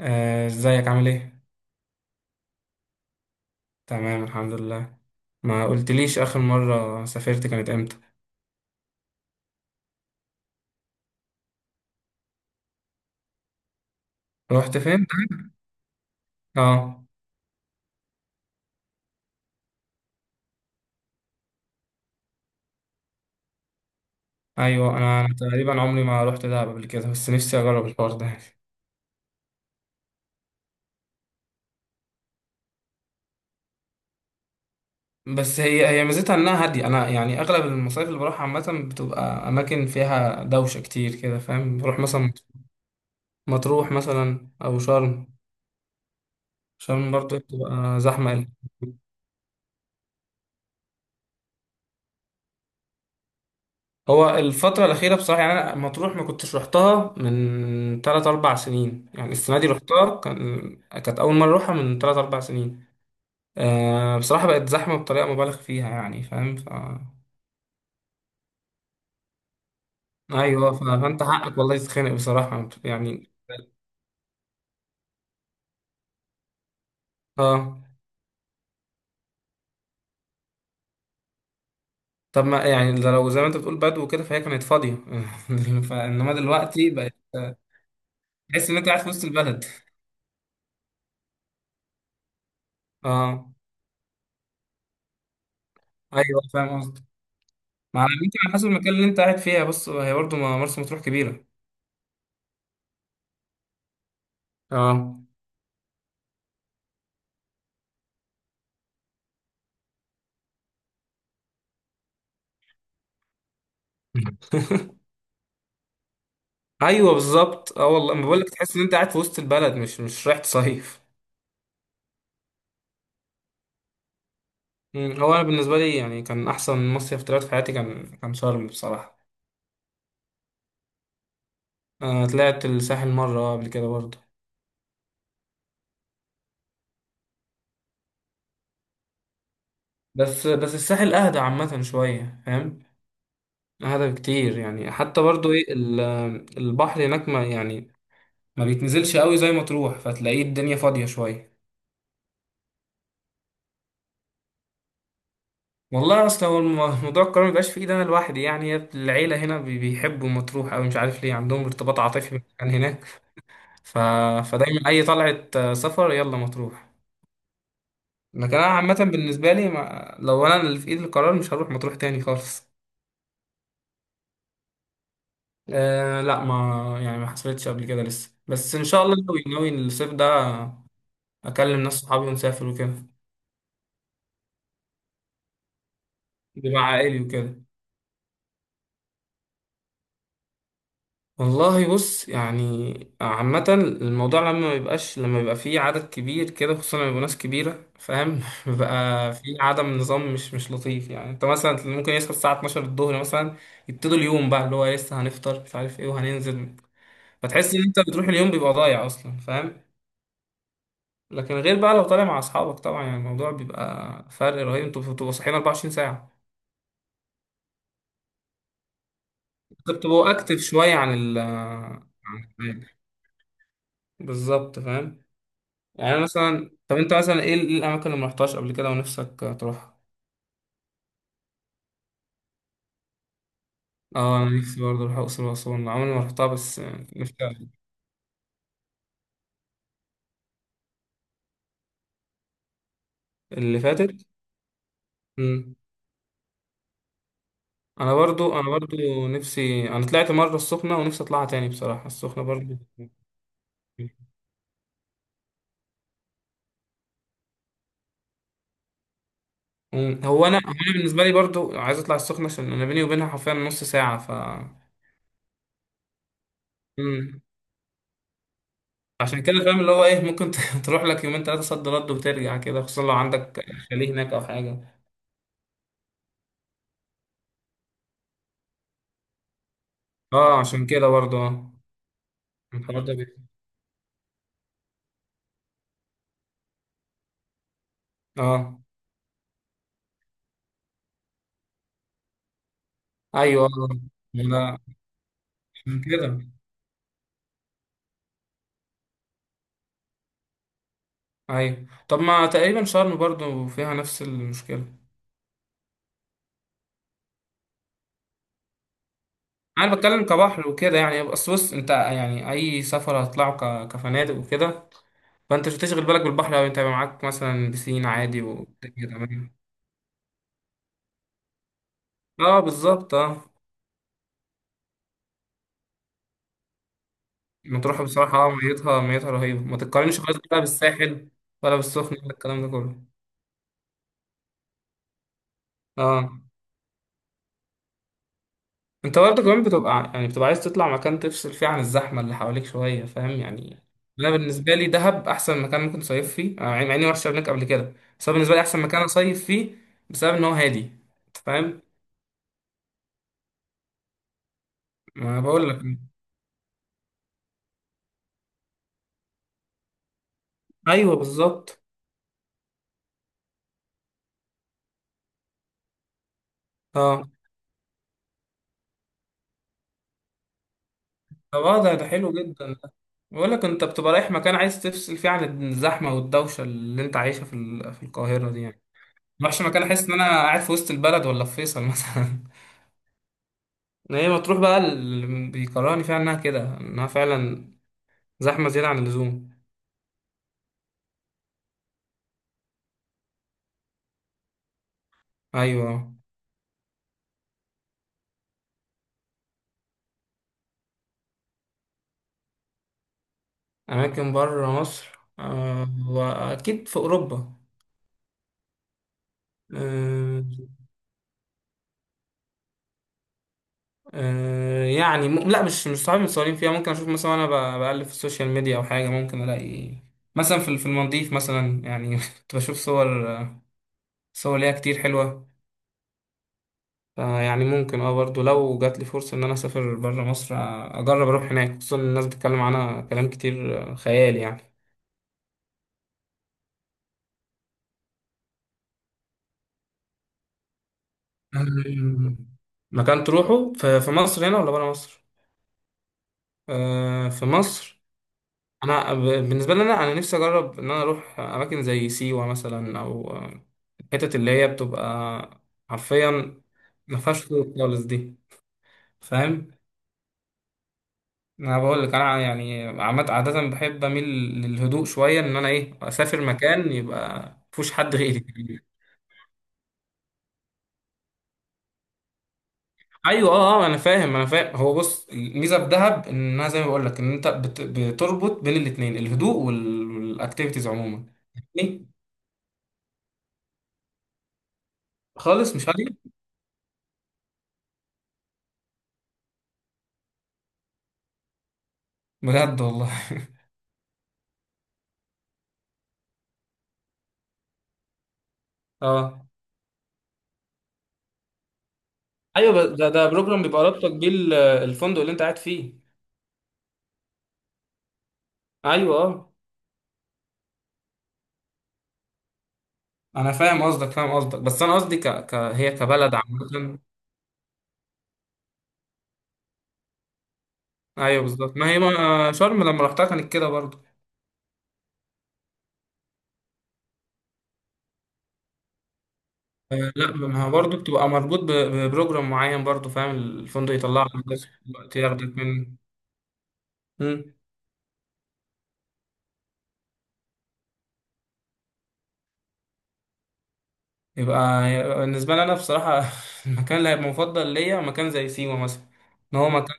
آه، ازيك عامل ايه؟ تمام الحمد لله. ما قلتليش اخر مرة سافرت كانت امتى؟ رحت فين؟ اه. ايوه، انا تقريبا عمري ما رحت دهب قبل كده، بس نفسي اجرب الحوار ده. بس هي ميزتها انها هادية. انا يعني اغلب المصايف اللي بروحها عامة بتبقى اماكن فيها دوشة كتير كده، فاهم؟ بروح مثلا مطروح مثلا او شرم. شرم برضه بتبقى زحمة أوي. هو الفترة الأخيرة بصراحة، يعني أنا مطروح ما كنتش روحتها من تلات أربع سنين، يعني السنة دي روحتها كانت أول مرة أروحها من تلات أربع سنين. أه، بصراحة بقت زحمة بطريقة مبالغ فيها، يعني فاهم. أيوه، فأنت حقك والله، تتخانق بصراحة يعني. أه، طب ما يعني ده لو زي ما أنت بتقول بدو كده، فهي كانت فاضية فإنما دلوقتي بقت تحس إن أنت قاعد في وسط البلد. أه، أيوه فاهم قصدي. ما على يمكن على حسب المكان اللي أنت قاعد فيها. بص، هي برضه مرسى مطروح كبيرة. اه. ايوه بالظبط، اه والله ما بقولك، تحس ان انت قاعد في وسط البلد، مش رايح تصيف. مم. هو انا بالنسبه لي يعني كان احسن مصيف طلعت في حياتي كان شرم بصراحه. انا طلعت الساحل مره قبل كده برضه. بس الساحل اهدى عامه شويه، فاهم؟ اهدى بكتير، يعني حتى برضه البحر هناك ما يعني ما بيتنزلش قوي، زي ما تروح فتلاقيه الدنيا فاضيه شويه. والله اصلا، هو موضوع القرار مبيبقاش في ايدي انا لوحدي. يعني العيله هنا بيحبوا مطروح قوي، مش عارف ليه، عندهم ارتباط عاطفي عن هناك. ف... فدايما اي طلعة، سفر يلا مطروح. لكن انا عامة بالنسبة لي ما... لو انا اللي في ايدي القرار مش هروح مطروح تاني خالص. أه لا، ما يعني ما حصلتش قبل كده لسه، بس ان شاء الله ناوي الصيف ده اكلم ناس صحابي ونسافر وكده. يبقى عائلي وكده. والله بص يعني، عامة الموضوع لما بيبقى فيه عدد كبير كده، خصوصا لما يبقوا ناس كبيرة، فاهم بيبقى فيه عدم نظام، مش لطيف، يعني انت مثلا ممكن يصحى الساعة 12 الظهر مثلا، يبتدوا اليوم بقى اللي هو لسه هنفطر مش عارف ايه وهننزل، فتحس ان انت بتروح اليوم بيبقى ضايع اصلا، فاهم. لكن غير بقى لو طالع مع اصحابك، طبعا يعني الموضوع بيبقى فرق رهيب، انتوا بتبقوا صاحيين 24 ساعة، انتوا بتبقوا اكتف شوية عن الحياة. بالظبط فاهم. يعني مثلا، طب انت مثلا ايه الاماكن اللي ما رحتهاش قبل كده ونفسك تروحها؟ اه، انا نفسي برضه اروح الاقصر واسوان، عمري ما رحتها بس. نفسي اللي فاتت. مم. انا برضو نفسي، انا طلعت مره السخنه ونفسي اطلعها تاني بصراحه، السخنه برضو. مم. هو انا بالنسبه لي برضو عايز اطلع السخنه، عشان انا بيني وبينها حرفيا نص ساعه. مم. عشان كده فاهم، اللي هو ايه ممكن تروح لك يومين ثلاثه صد رد وترجع كده، خصوصا لو عندك شاليه هناك او حاجه. اه، عشان كده برضو اه، الحوار ده اه ايوه، لا عشان كده ايوه. طب ما تقريبا شرم برضو فيها نفس المشكله. انا بتكلم كبحر وكده يعني، بس بص، انت يعني اي سفر هتطلعه كفنادق وكده، فانت مش هتشغل بالك بالبحر، او انت يبقى معاك مثلا بسين عادي والدنيا تمام. اه بالظبط اه. مطروح بصراحه، ميتها رهيبه، ما تتقارنش خالص بقى بالساحل ولا بالسخنه ولا الكلام ده كله. اه، انت برضه كمان بتبقى يعني بتبقى عايز تطلع مكان تفصل فيه عن الزحمه اللي حواليك شويه، فاهم يعني. انا بالنسبه لي دهب احسن مكان ممكن تصيف فيه، انا مع اني ما رحتش هناك قبل كده، بس هو بالنسبه لي احسن مكان اصيف فيه، بسبب ان هو هادي، انت فاهم. ما بقول لك. ايوه بالظبط اه. طب اه، ده حلو جدا ده. بقول لك، انت بتبقى رايح مكان عايز تفصل فيه عن الزحمه والدوشه اللي انت عايشها في في القاهره دي يعني، ما رحتش مكان احس ان انا قاعد في وسط البلد ولا في فيصل مثلا. ما هي مطروح بقى اللي بيكرهني فيها انها كده، انها فعلا زحمه زياده عن اللزوم. ايوه، اماكن بره مصر، آه، واكيد في اوروبا. آه، آه، يعني لا، مش صحابي متصورين فيها، ممكن اشوف مثلا انا بقلب في السوشيال ميديا او حاجه، ممكن الاقي مثلا في المالديف مثلا، يعني كنت بشوف صور ليها كتير حلوه، فيعني ممكن اه برضو، لو جات لي فرصه ان انا اسافر بره مصر، آه، اجرب اروح هناك، خصوصا إن الناس بتتكلم عنها كلام كتير آه، خيال يعني. أمم. مكان تروحه في مصر هنا ولا برا مصر؟ آه في مصر. انا ب- بالنسبه لي انا نفسي اجرب ان انا اروح اماكن زي سيوه مثلا، او آه، الحتت اللي هي بتبقى حرفيا ما فيهاش طرق خالص دي، فاهم. انا بقول لك، انا يعني عمد عاده بحب اميل للهدوء شويه، ان انا ايه اسافر مكان يبقى مفيهوش حد غيري. ايوه اه آه، انا فاهم انا فاهم، هو بص الميزه في دهب انها زي ما بقول لك، ان انت بتربط بين الاثنين الهدوء والاكتيفيتيز عموما. إيه؟ خالص مش عارف. بجد والله. اه، ايوه ده بروجرام بيبقى رابطك بيه الفندق اللي انت قاعد فيه. ايوه اه، انا فاهم قصدك فاهم قصدك، بس انا قصدي هي كبلد عامه. ايوه بالظبط، ما هي ما شرم لما رحتها كانت كده برضو. آه، لا، ما هو برضه بتبقى مربوط ببروجرام معين برضه، فاهم الفندق يطلعك من ده، الوقت ياخدك منه. يبقى بالنسبة لي، أنا بصراحة المكان اللي هيبقى مفضل ليا مكان زي سيوة مثلا، إن هو مكان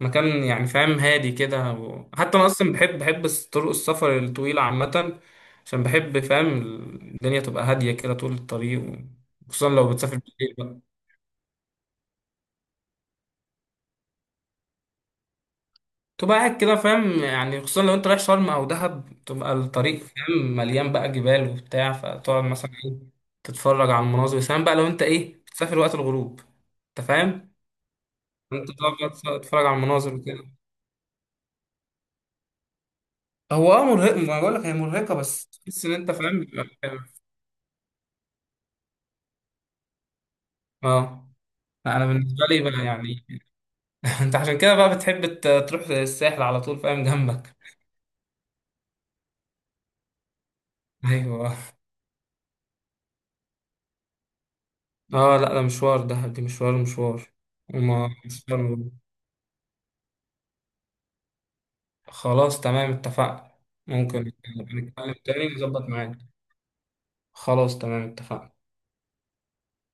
مكان يعني فاهم، هادي كده و... حتى أنا أصلا بحب طرق السفر الطويلة عامة، عشان بحب فاهم الدنيا تبقى هادية كده طول الطريق خصوصا لو بتسافر بالليل بقى تبقى قاعد كده، فاهم يعني. خصوصا لو أنت رايح شرم أو دهب، تبقى الطريق فاهم مليان بقى جبال وبتاع، فتقعد مثلا إيه، تتفرج على المناظر، سواء بقى لو أنت إيه بتسافر وقت الغروب. أنت فاهم؟ انت تقعد تتفرج على المناظر وكده. هو اه مرهق، ما بقول لك هي مرهقه، بس تحس ان انت فاهم بيبقى حلو. اه. لا، انا بالنسبه لي بقى يعني انت عشان كده بقى بتحب تروح الساحل على طول، فاهم جنبك. ايوه اه. لا ده مشوار، دي مشوار مشوار وما مشوار. خلاص تمام اتفقنا. ممكن نتكلم تاني نظبط معاك. خلاص تمام اتفقنا.